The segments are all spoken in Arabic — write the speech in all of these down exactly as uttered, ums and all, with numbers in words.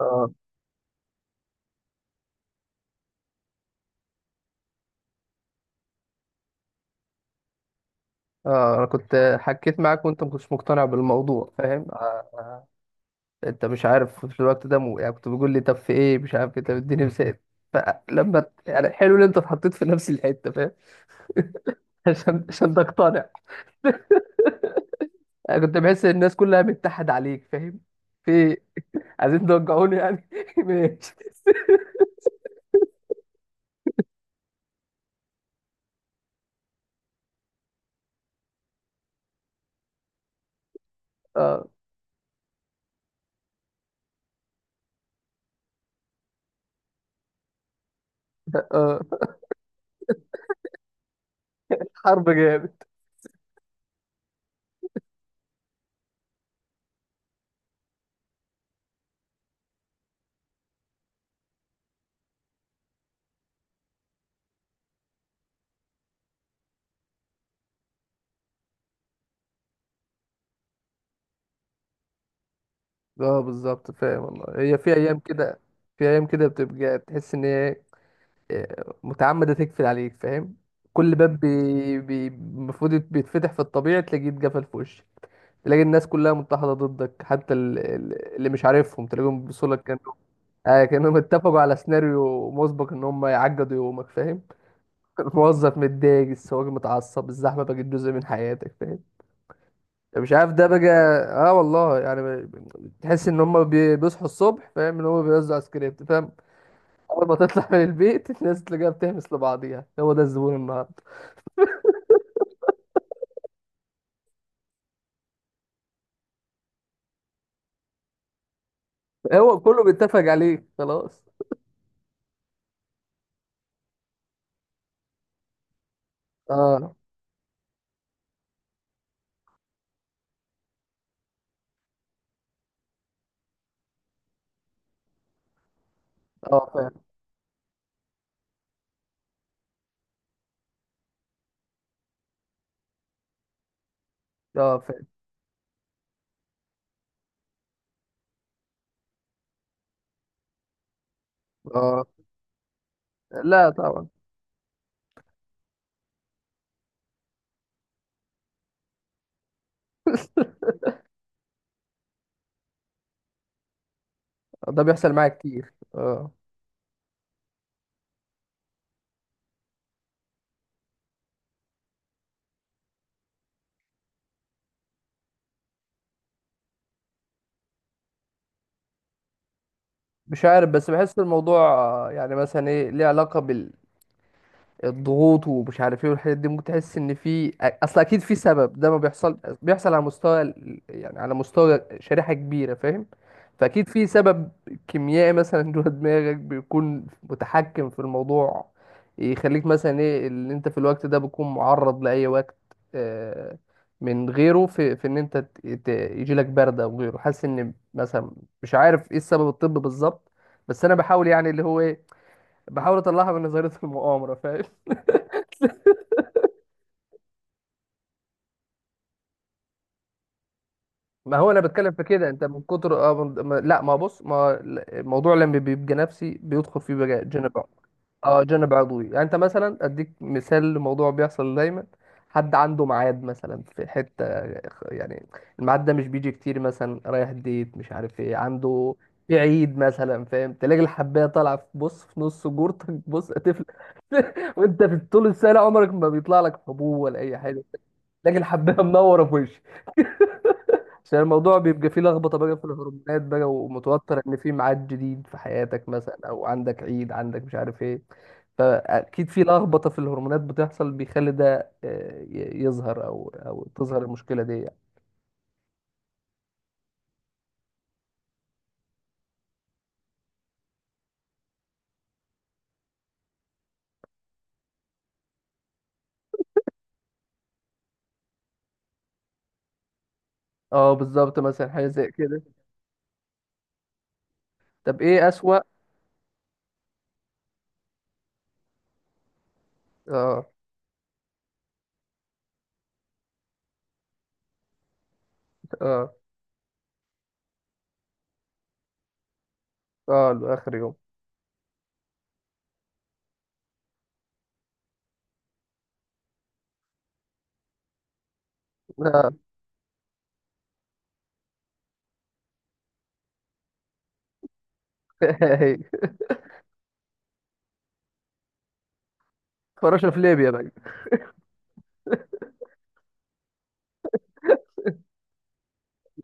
اه اه انا كنت حكيت معاك وانت ما كنتش مقتنع بالموضوع فاهم آه. انت مش عارف في الوقت ده م... يعني كنت بتقول لي طب في ايه مش عارف ايه. طب اديني مثال. فلما ت- يعني حلو ان انت اتحطيت في نفس الحته فاهم. عشان عشان تقتنع. انا كنت بحس ان الناس كلها متحد عليك فاهم. في إيه؟ عايزين توجعوني يعني ماشي. اه اه حرب جامد. اه بالظبط فاهم، والله هي في ايام كده، في ايام كده بتبقى تحس ان هي متعمدة تقفل عليك فاهم. كل باب بي- بي- المفروض يت- بيتفتح في الطبيعي، تلاقيه اتقفل في وشك. تلاقي الناس كلها متحدة ضدك، حتى ال- ال- اللي مش عارفهم تلاقيهم بيبصوا لك كأنهم آه كأنهم اتفقوا على سيناريو مسبق ان هم يعقدوا يومك فاهم. الموظف متضايق، السواق متعصب، الزحمة بقت جزء من حياتك فاهم، يعني مش عارف ده بقى. اه والله، يعني ب- تحس ان هم بي- بيصحوا الصبح فاهم، ان هم بيوزعوا سكريبت فاهم. اول ما تطلع من البيت، الناس تلاقيها بتهمس لبعضيها: هو ده الزبون النهارده. هو كله بيتفق عليه خلاص. اه، اه، فاهم. اه، فاهم. اه، لا طبعا. ده بيحصل معايا كتير، اه. مش عارف، بس بحس الموضوع آه، يعني مثلا ايه، ليه علاقة بال... الضغوط ومش عارف ايه والحاجات دي. ممكن تحس ان في اصل. اكيد في سبب، ده ما بيحصل بيحصل على مستوى ال- يعني على مستوى شريحة كبيرة فاهم. فاكيد في سبب كيميائي مثلا جوه دماغك بيكون متحكم في الموضوع، يخليك مثلا ايه اللي انت في الوقت ده بتكون معرض لاي وقت آه، من غيره، في في ان انت ت- ت- يجيلك برد او غيره، حاسس ان مثلا مش عارف ايه السبب الطبي بالظبط. بس انا بحاول، يعني اللي هو ايه، بحاول اطلعها من نظرية المؤامرة فاهم. ما هو انا بتكلم في كده، انت من كتر اه من... ما... لا ما بص، ما الموضوع لما بيبقى نفسي بيدخل فيه بقى جانب ع- اه جانب عضوي. يعني انت مثلا اديك مثال لموضوع بيحصل دايما، حد عنده ميعاد مثلا في حته، يعني الميعاد ده مش بيجي كتير، مثلا رايح ديت مش عارف ايه، عنده في عيد مثلا فاهم، تلاقي الحبايه طالعه في، بص، في نص جورتك، بص هتفل. وانت في طول السنه عمرك ما بيطلع لك حبوب ولا اي حاجه. تلاقي الحبايه منوره في، عشان الموضوع بيبقى فيه لخبطه بقى في الهرمونات بقى، ومتوتر ان في ميعاد جديد في حياتك مثلا، او عندك عيد، عندك مش عارف ايه. فاكيد في لخبطه في الهرمونات بتحصل، بيخلي ده آه، ي- يظهر، او او تظهر المشكله دي يعني. اه بالظبط، مثلا حاجه زي كده. طب ايه اسوأ؟ اه، اه، اه، لاخر يوم. اه هي. فراشه في ليبيا بقى.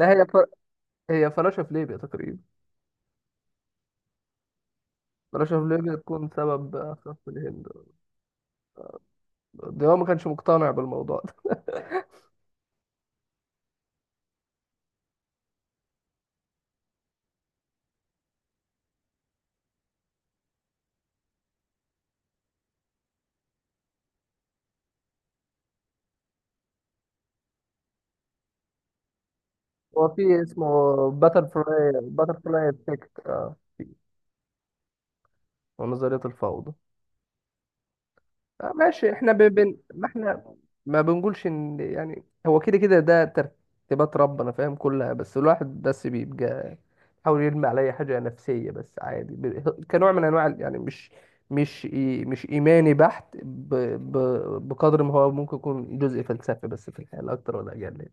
لا هي فر... هي فراشه في ليبيا تقريبا. فراشه في ليبيا تكون سبب خطف الهند. ده هو ما كانش مقتنع بالموضوع. هو في اسمه باتر فلاي باتر فلاي افكت، اه. ونظرية الفوضى. آه ماشي، احنا ب- بن... ما احنا ما بنقولش ان يعني هو كده كده ده ترتيبات ربنا فاهم كلها، بس الواحد بس بيبقى يحاول يرمي على اي حاجة نفسية، بس عادي، ب... كنوع من انواع ال- يعني مش مش إي... مش ايماني بحت، ب... ب... بقدر ما هو ممكن يكون جزء فلسفي بس في الحياة، لا اكتر ولا اقل.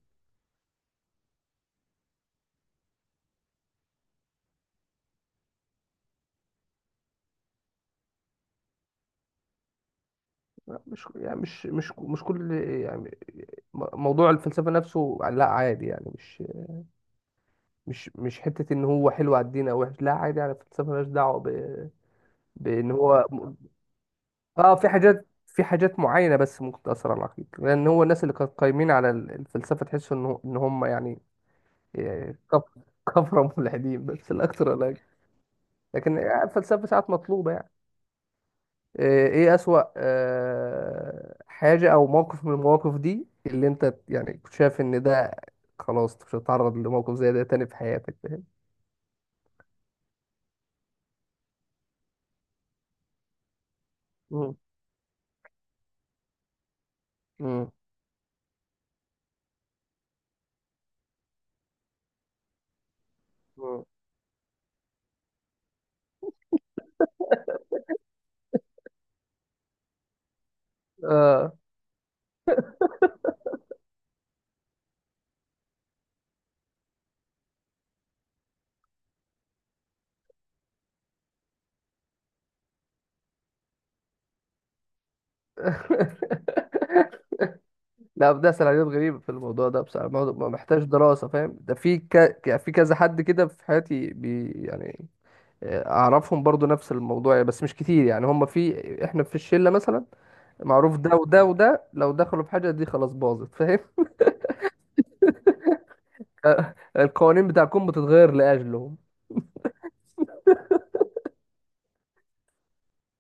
مش يعني مش مش مش كل، يعني م- موضوع الفلسفة نفسه لا عادي، يعني مش مش مش حتة ان هو حلو على الدين او وحش. لا عادي، يعني الفلسفة مالهاش دعوة ب... بان هو م- اه، في حاجات في حاجات معينة، بس ممكن تأثر على العقيدة، لان هو الناس اللي كانت قايمين على ال- الفلسفة تحس ان هو- ان هم، يعني آه، كف- كفرة ملحدين، بس الاكثر لا أكتر ولا أقل. لكن آه، الفلسفة ساعات مطلوبة يعني. آه، ايه اسوأ آه، حاجة او موقف من المواقف دي اللي انت، يعني، كنت شايف ان ده خلاص مش هتتعرض لموقف زي ده تاني في حياتك فاهم؟ مم. مم. مم. اه. لا، ده سيناريوهات غريبة في الموضوع ده بصراحة. الموضوع ما محتاج دراسة فاهم. ده في ك... يعني في كذا حد كده في حياتي بي... يعني آه، أعرفهم برضو نفس الموضوع يعني، بس مش كتير يعني. هم، في إحنا في الشلة مثلا، معروف ده وده وده، لو دخلوا في حاجة دي خلاص باظت فاهم. القوانين بتاعكم بتتغير لأجلهم.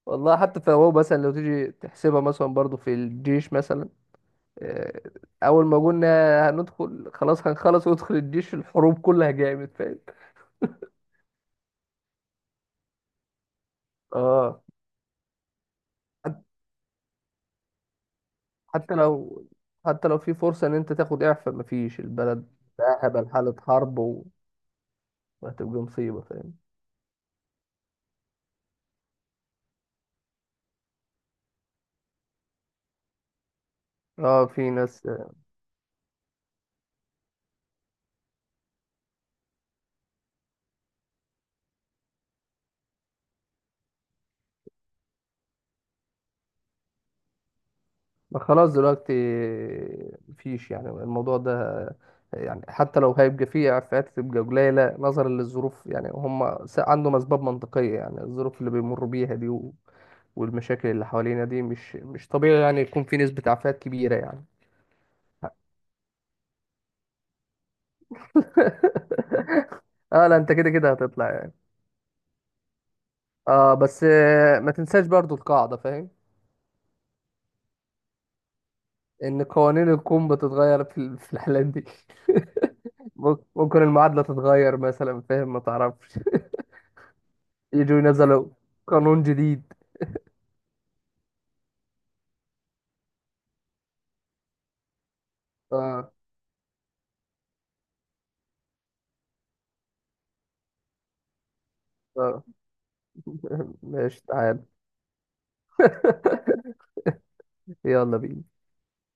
والله حتى فهو مثلا لو تيجي تحسبها مثلا، برضو في الجيش مثلا، آه، أول ما قلنا هندخل، خلاص هنخلص وندخل الجيش، الحروب كلها جامد فاهم. اه حت- حتى لو حتى لو في فرصة إن أنت تاخد إعفاء، مفيش. البلد بقى هبل، حالة حرب، وهتبقى مصيبة فاهم. اه، في ناس. ما خلاص دلوقتي مفيش، يعني الموضوع ده، يعني حتى لو هيبقى فيه عفات تبقى قليلة نظرا للظروف، يعني هم س- عندهم أسباب منطقية، يعني الظروف اللي بيمروا بيها دي و- والمشاكل اللي حوالينا دي مش مش طبيعي يعني يكون في نسبة عفات كبيرة يعني. اه، لا انت كده كده هتطلع يعني. اه، بس آه، ما تنساش برضو القاعدة فاهم، ان قوانين الكون بتتغير في ال- في الحالات دي. ممكن المعادلة تتغير مثلا فاهم، ما تعرفش، يجوا نزلوا قانون جديد. اه، اه. ماشي تعال. يلا بينا.